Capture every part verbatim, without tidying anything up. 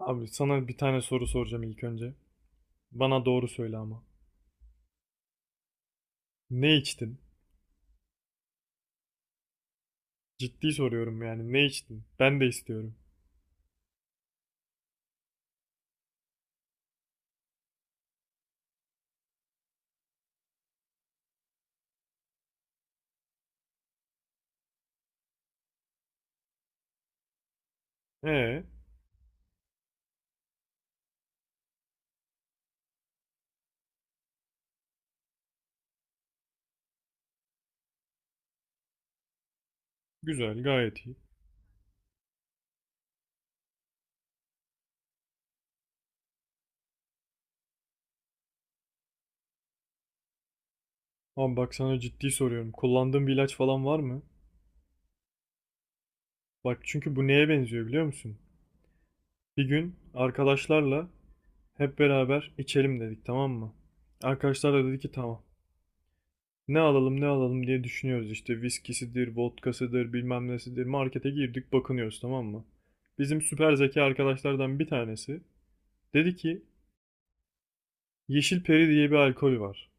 Abi sana bir tane soru soracağım ilk önce. Bana doğru söyle ama. Ne içtin? Ciddi soruyorum yani ne içtin? Ben de istiyorum. Ee, güzel gayet iyi. Ama bak sana ciddi soruyorum. Kullandığın bir ilaç falan var mı? Bak çünkü bu neye benziyor biliyor musun? Bir gün arkadaşlarla hep beraber içelim dedik, tamam mı? Arkadaşlar da dedi ki tamam. Ne alalım ne alalım diye düşünüyoruz işte, viskisidir, vodkasıdır, bilmem nesidir. Markete girdik, bakınıyoruz, tamam mı? Bizim süper zeki arkadaşlardan bir tanesi dedi ki yeşil peri diye bir alkol var.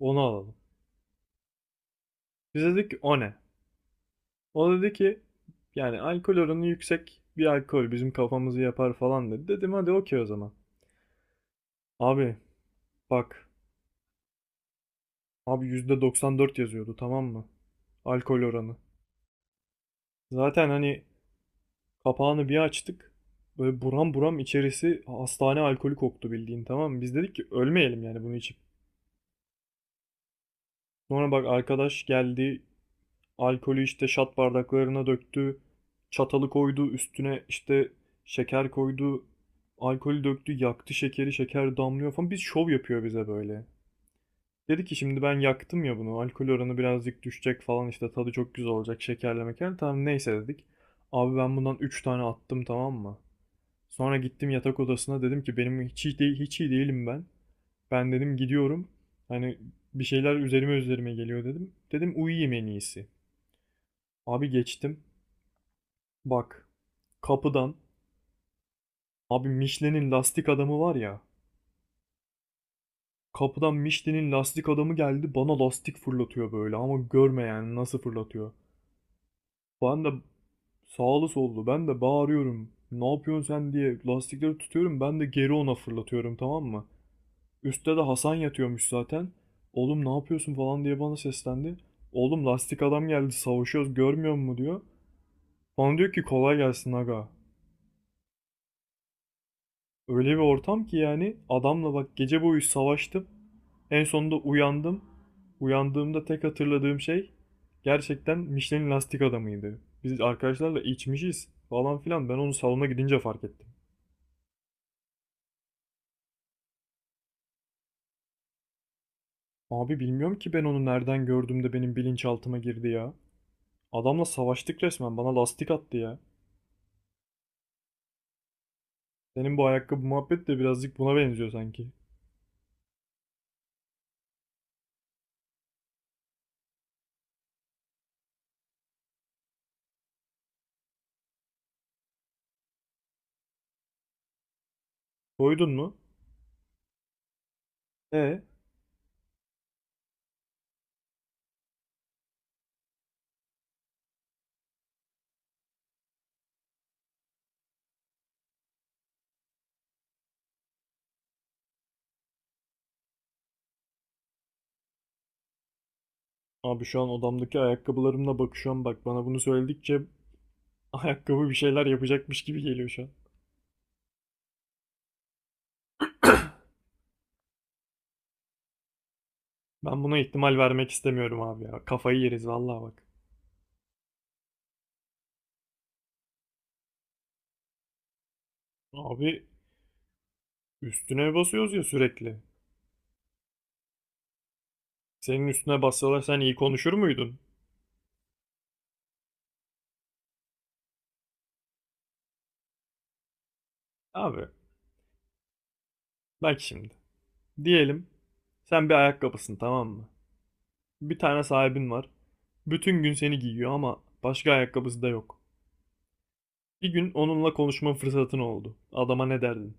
Onu alalım. Biz dedik ki o ne? O dedi ki yani alkol oranı yüksek bir alkol, bizim kafamızı yapar falan dedi. Dedim hadi okey o zaman. Abi bak abi, yüzde doksan dört yazıyordu tamam mı? Alkol oranı. Zaten hani kapağını bir açtık. Böyle buram buram içerisi hastane alkolü koktu bildiğin, tamam mı? Biz dedik ki ölmeyelim yani bunu içip. Sonra bak arkadaş geldi, alkolü işte şat bardaklarına döktü. Çatalı koydu üstüne, işte şeker koydu. Alkolü döktü, yaktı şekeri, şeker damlıyor falan, biz şov yapıyor bize böyle. Dedi ki şimdi ben yaktım ya bunu. Alkol oranı birazcık düşecek falan işte, tadı çok güzel olacak şekerle meker. Tamam neyse dedik. Abi ben bundan üç tane attım, tamam mı? Sonra gittim yatak odasına, dedim ki benim hiç iyi, değil, hiç iyi değilim ben. Ben dedim gidiyorum. Hani bir şeyler üzerime üzerime geliyor dedim. Dedim uyuyayım en iyisi. Abi geçtim. Bak, kapıdan, abi Michelin'in lastik adamı var ya. Kapıdan Michelin'in lastik adamı geldi, bana lastik fırlatıyor böyle ama görme yani nasıl fırlatıyor. Ben de sağlı sollu, ben de bağırıyorum. Ne yapıyorsun sen diye lastikleri tutuyorum, ben de geri ona fırlatıyorum, tamam mı? Üstte de Hasan yatıyormuş zaten. Oğlum ne yapıyorsun falan diye bana seslendi. Oğlum lastik adam geldi, savaşıyoruz, görmüyor musun diyor. Bana diyor ki kolay gelsin aga. Öyle bir ortam ki yani, adamla bak gece boyu savaştım. En sonunda uyandım. Uyandığımda tek hatırladığım şey gerçekten Michelin lastik adamıydı. Biz arkadaşlarla içmişiz falan filan. Ben onu salona gidince fark ettim. Abi bilmiyorum ki ben onu nereden gördüm de benim bilinçaltıma girdi ya. Adamla savaştık resmen. Bana lastik attı ya. Senin bu ayakkabı muhabbet de birazcık buna benziyor sanki. Koydun mu? E Abi şu an odamdaki ayakkabılarımla bakışıyorum. Bak, bana bunu söyledikçe ayakkabı bir şeyler yapacakmış gibi geliyor şu an. Ben buna ihtimal vermek istemiyorum abi ya. Kafayı yeriz vallahi bak. Abi üstüne basıyoruz ya sürekli. Senin üstüne bassalar sen iyi konuşur muydun? Abi bak şimdi. Diyelim sen bir ayakkabısın, tamam mı? Bir tane sahibin var. Bütün gün seni giyiyor ama başka ayakkabısı da yok. Bir gün onunla konuşma fırsatın oldu. Adama ne derdin?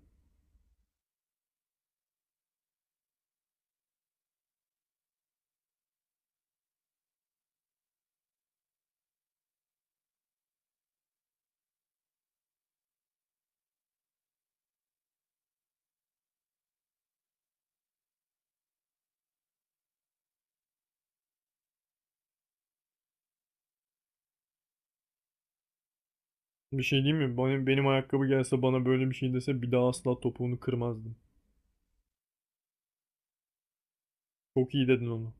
Bir şey diyeyim mi? Benim, benim ayakkabı gelse bana böyle bir şey dese bir daha asla topuğunu kırmazdım. Çok iyi dedin onu.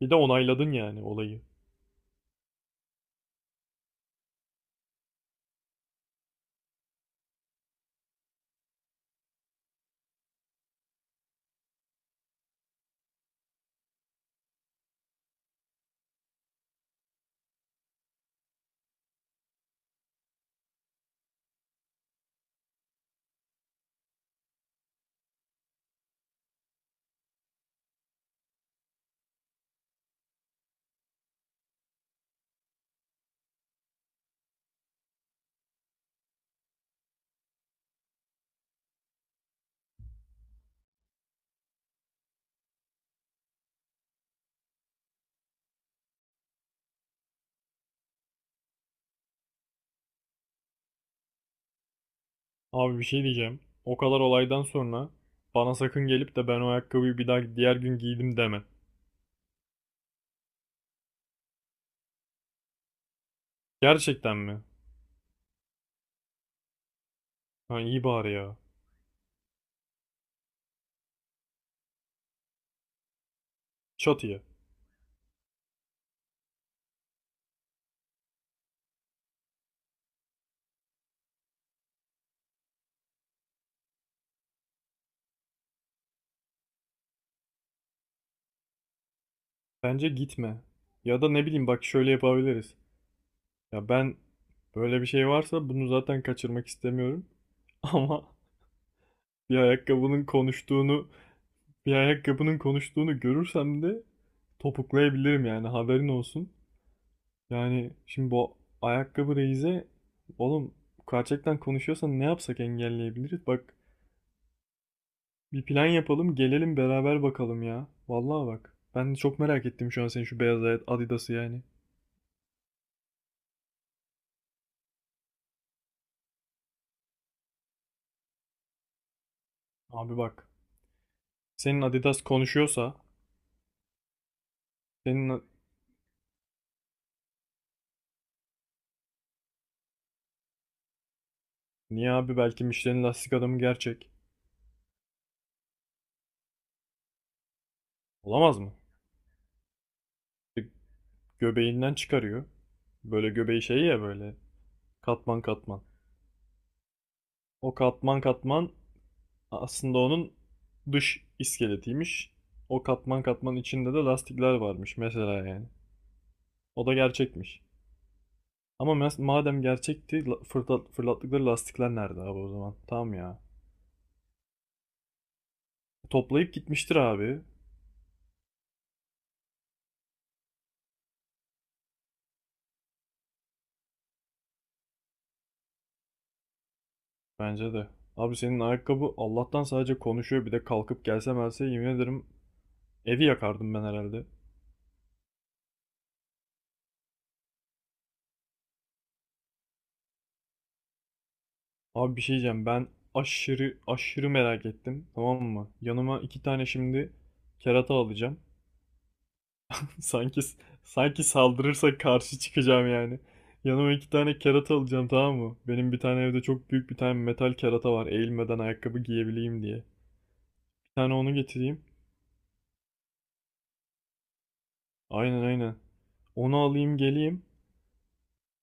Bir de onayladın yani olayı. Abi bir şey diyeceğim. O kadar olaydan sonra bana sakın gelip de ben o ayakkabıyı bir daha diğer gün giydim deme. Gerçekten mi? Ha, iyi bari ya. Çatıya. Bence gitme. Ya da ne bileyim, bak şöyle yapabiliriz. Ya ben, böyle bir şey varsa bunu zaten kaçırmak istemiyorum. Ama bir ayakkabının konuştuğunu, bir ayakkabının konuştuğunu görürsem de topuklayabilirim yani, haberin olsun. Yani şimdi bu ayakkabı reize, oğlum, gerçekten konuşuyorsan ne yapsak engelleyebiliriz? Bak bir plan yapalım, gelelim beraber bakalım ya. Vallahi bak, ben de çok merak ettim şu an senin şu beyaz ayet- Adidas'ı yani. Abi bak, senin Adidas konuşuyorsa senin, niye abi, belki Michelin lastik adamı gerçek. Olamaz mı? Gö- Göbeğinden çıkarıyor. Böyle göbeği şey ya, böyle katman katman. O katman katman aslında onun dış iskeletiymiş. O katman katman içinde de lastikler varmış mesela yani. O da gerçekmiş. Ama mes- madem gerçekti, la- fırlat- fırlattıkları lastikler nerede abi o zaman? Tamam ya. Toplayıp gitmiştir abi. Bence de. Abi senin ayakkabı Allah'tan sadece konuşuyor, bir de kalkıp gelse melse yemin ederim evi yakardım ben herhalde. Abi bir şey diyeceğim, ben aşırı aşırı merak ettim, tamam mı? Yanıma iki tane şimdi kerata alacağım. Sanki sanki saldırırsak karşı çıkacağım yani. Yanıma iki tane kerata alacağım, tamam mı? Benim bir tane evde çok büyük bir tane metal kerata var. Eğilmeden ayakkabı giyebileyim diye. Bir tane onu getireyim. Aynen aynen. Onu alayım geleyim.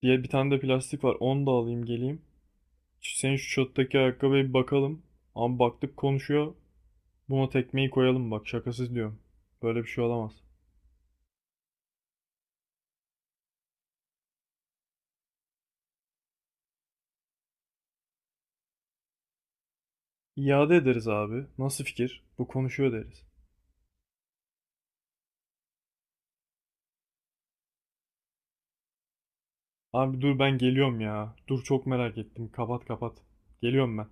Diye bir tane de plastik var. Onu da alayım geleyim. Şu- Senin şu şottaki ayakkabıya bir bakalım. Ama baktık konuşuyor. Buna tekmeyi koyalım, bak şakasız diyorum. Böyle bir şey olamaz. İade ederiz abi. Nasıl fikir? Bu konuşuyor deriz. Abi dur ben geliyorum ya. Dur çok merak ettim. Kapat kapat. Geliyorum ben.